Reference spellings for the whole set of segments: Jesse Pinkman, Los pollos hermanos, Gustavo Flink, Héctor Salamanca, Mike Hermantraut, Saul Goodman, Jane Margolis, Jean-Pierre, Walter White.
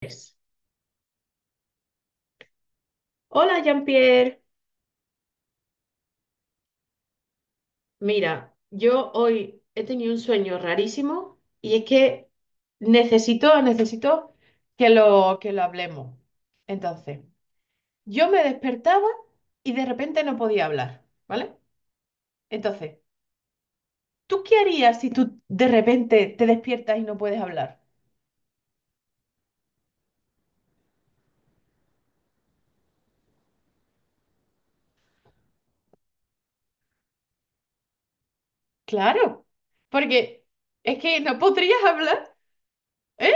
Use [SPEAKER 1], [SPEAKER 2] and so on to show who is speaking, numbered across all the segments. [SPEAKER 1] Pues, hola Jean-Pierre, mira, yo hoy he tenido un sueño rarísimo y es que necesito que lo hablemos. Entonces, yo me despertaba y de repente no podía hablar, ¿vale? Entonces, ¿tú qué harías si tú de repente te despiertas y no puedes hablar? Claro, porque es que no podrías hablar, ¿eh?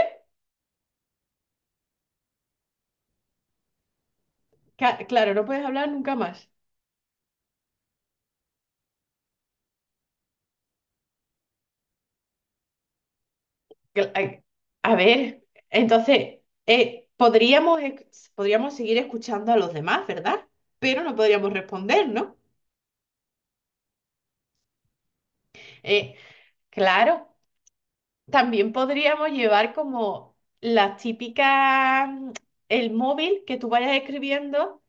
[SPEAKER 1] Claro, no puedes hablar nunca más. Cla- A ver, entonces, podríamos, podríamos seguir escuchando a los demás, ¿verdad? Pero no podríamos responder, ¿no? Eh, claro, también podríamos llevar como las típicas, el móvil que tú vayas escribiendo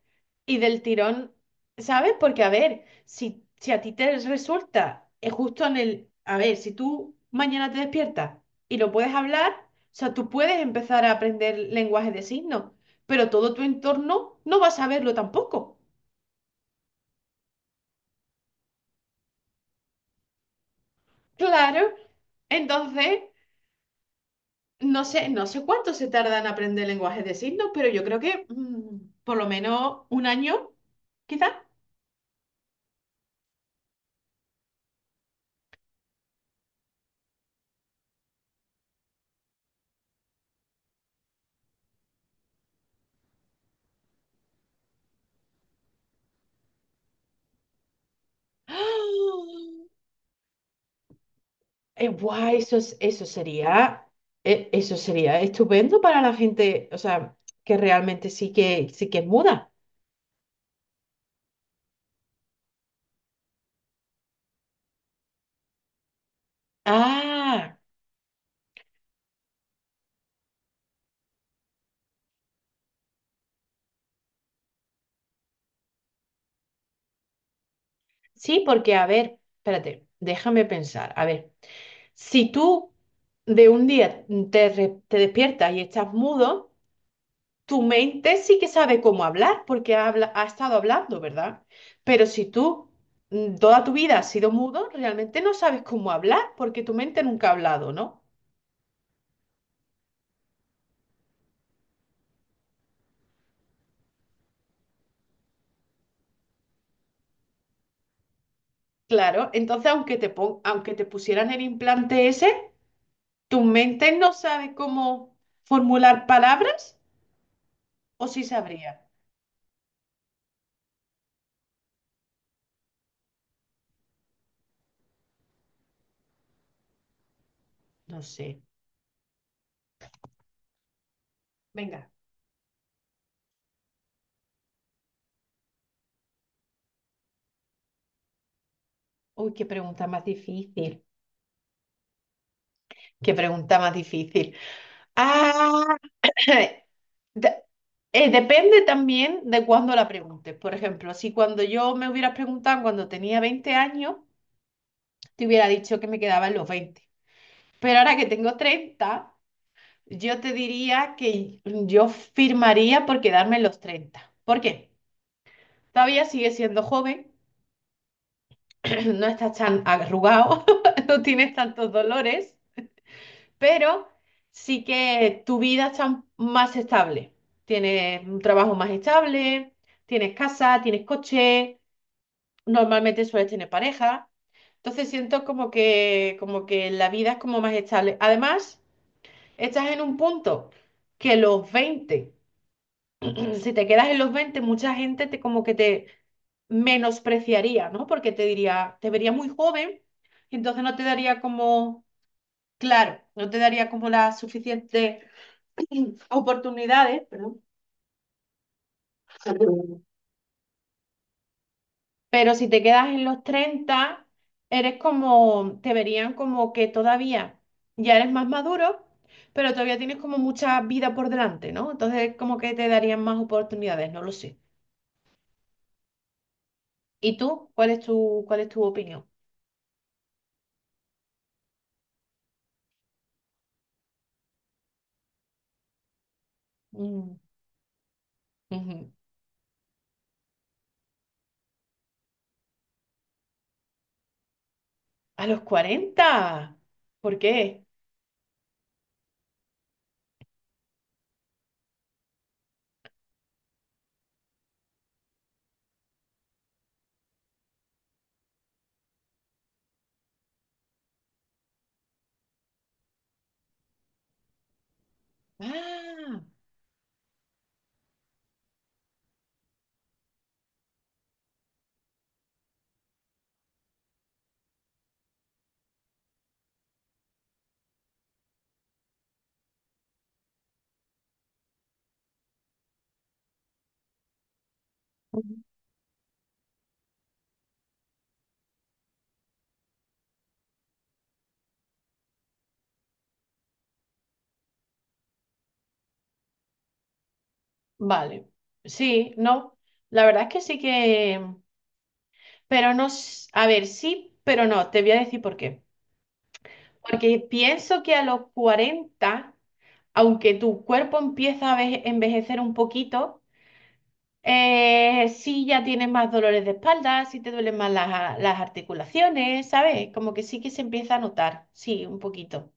[SPEAKER 1] y del tirón, ¿sabes? Porque a ver, si a ti te resulta justo en el, a ver, si tú mañana te despiertas y lo puedes hablar, o sea, tú puedes empezar a aprender lenguaje de signos, pero todo tu entorno no va a saberlo tampoco. Claro, entonces no sé, no sé cuánto se tarda en aprender lenguajes de signos, pero yo creo que por lo menos un año, quizá. ¡Ah! Guau, eso, eso sería estupendo para la gente, o sea, que realmente sí que es muda. Ah, sí, porque a ver, espérate, déjame pensar. A ver, si tú de un día te despiertas y estás mudo, tu mente sí que sabe cómo hablar porque ha estado hablando, ¿verdad? Pero si tú toda tu vida has sido mudo, realmente no sabes cómo hablar porque tu mente nunca ha hablado, ¿no? Claro, entonces aunque te pusieran el implante ese, tu mente no sabe cómo formular palabras o sí sabría. No sé. Venga. Uy, qué pregunta más difícil. Qué pregunta más difícil. ¡Ah! De- depende también de cuándo la preguntes. Por ejemplo, si cuando yo me hubieras preguntado cuando tenía 20 años, te hubiera dicho que me quedaba en los veinte. Pero ahora que tengo 30, yo te diría que yo firmaría por quedarme en los treinta. ¿Por qué? Todavía sigues siendo joven, no estás tan arrugado, no tienes tantos dolores, pero sí que tu vida está más estable. Tienes un trabajo más estable, tienes casa, tienes coche, normalmente sueles tener pareja. Entonces siento como que la vida es como más estable. Además, estás en un punto que los 20, si te quedas en los 20 mucha gente te como que te menospreciaría, ¿no? Porque te diría, te vería muy joven, y entonces no te daría como, claro, no te daría como la suficiente oportunidades, perdón. Pero si te quedas en los 30 eres te verían como que todavía ya eres más maduro, pero todavía tienes como mucha vida por delante, ¿no? Entonces como que te darían más oportunidades, no lo sé. ¿Y tú? ¿Cuál es tu opinión? Mm, ujú. A los cuarenta. ¿Por qué? Ah, ujú. Vale. Sí, no. La verdad es que sí que... Pero no, a ver, sí, pero no, te voy a decir por qué. Porque pienso que a los cuarenta, aunque tu cuerpo empieza a envejecer un poquito, sí ya tienes más dolores de espalda, sí te duelen más las articulaciones, ¿sabes? Como que sí que se empieza a notar, sí, un poquito.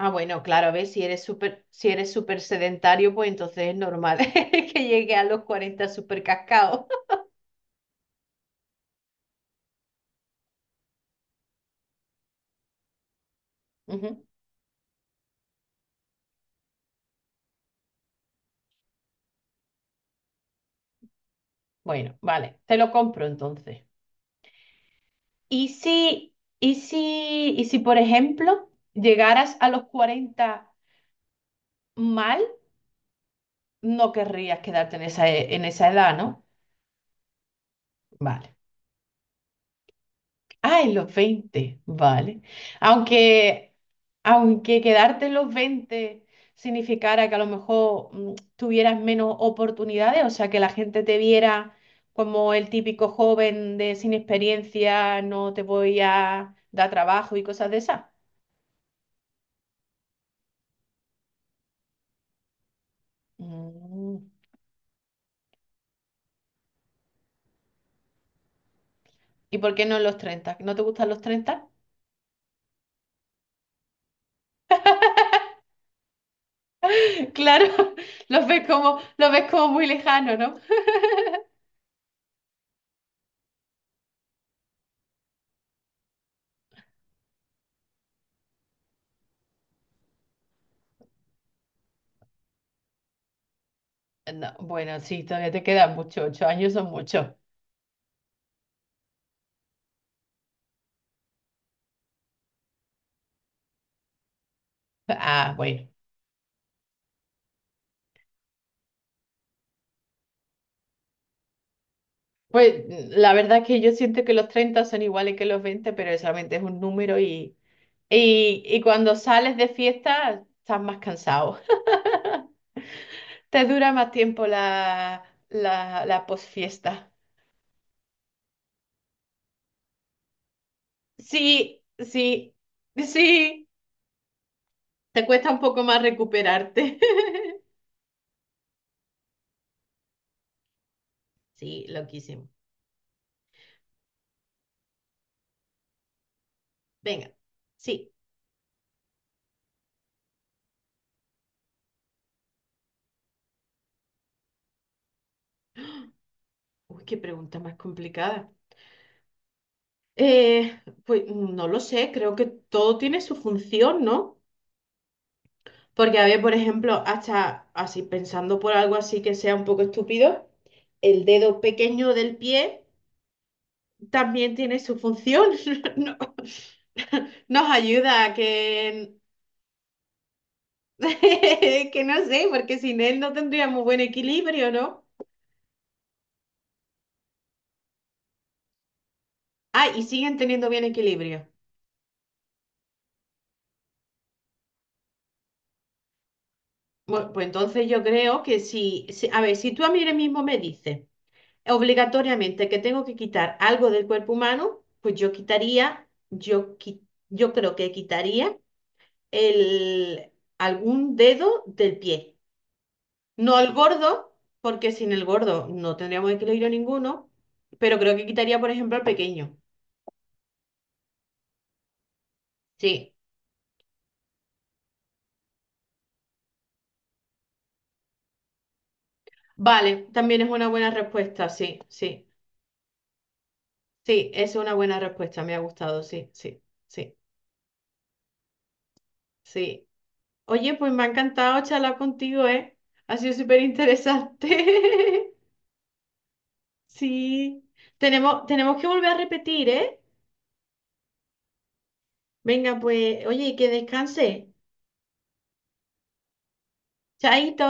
[SPEAKER 1] Ah, bueno, claro, ves, si eres súper sedentario, pues entonces es normal que llegue a los 40 súper cascado. Ujú. Bueno, vale, te lo compro entonces. ¿Y si, y si, por ejemplo, llegaras a los 40 mal, no querrías quedarte en esa edad, ¿no? Vale. Ah, en los 20, vale. Aunque, aunque quedarte en los 20 significara que a lo mejor tuvieras menos oportunidades, o sea, que la gente te viera como el típico joven de sin experiencia, no te voy a dar trabajo y cosas de esas. Mm. ¿Y por qué no los treinta? ¿No te gustan los 30? Claro, los ves como muy lejano, ¿no? No, bueno, sí, todavía te quedan muchos, 8 años son muchos. Ah, bueno. Pues la verdad es que yo siento que los 30 son iguales que los 20, pero solamente es un número y cuando sales de fiesta estás más cansado. Te dura más tiempo la posfiesta. Sí, sí, sí, te cuesta un poco más recuperarte. Sí, loquísimo. Venga, sí. Uy, qué pregunta más complicada. Eh, pues no lo sé, creo que todo tiene su función, ¿no? Porque, a ver, por ejemplo, hasta así pensando por algo así que sea un poco estúpido, el dedo pequeño del pie también tiene su función. No- nos ayuda a que, que no sé, porque sin él no tendríamos buen equilibrio, ¿no? Ah, y siguen teniendo bien equilibrio. Bueno, pues entonces yo creo que a ver, si tú a mí ahora mismo me dices obligatoriamente que tengo que quitar algo del cuerpo humano, pues yo quitaría, yo creo que quitaría el, algún dedo del pie. No el gordo, porque sin el gordo no tendríamos equilibrio ninguno, pero creo que quitaría, por ejemplo, el pequeño. Sí, vale, también es una buena respuesta, sí, sí, sí, es una buena respuesta, me ha gustado, sí, sí, sí, sí. Oye, pues me ha encantado charlar contigo, ¿eh? Ha sido súper interesante. Sí. Tenemos que volver a repetir, ¿eh? Venga, pues, oye, que descanse. Chaito.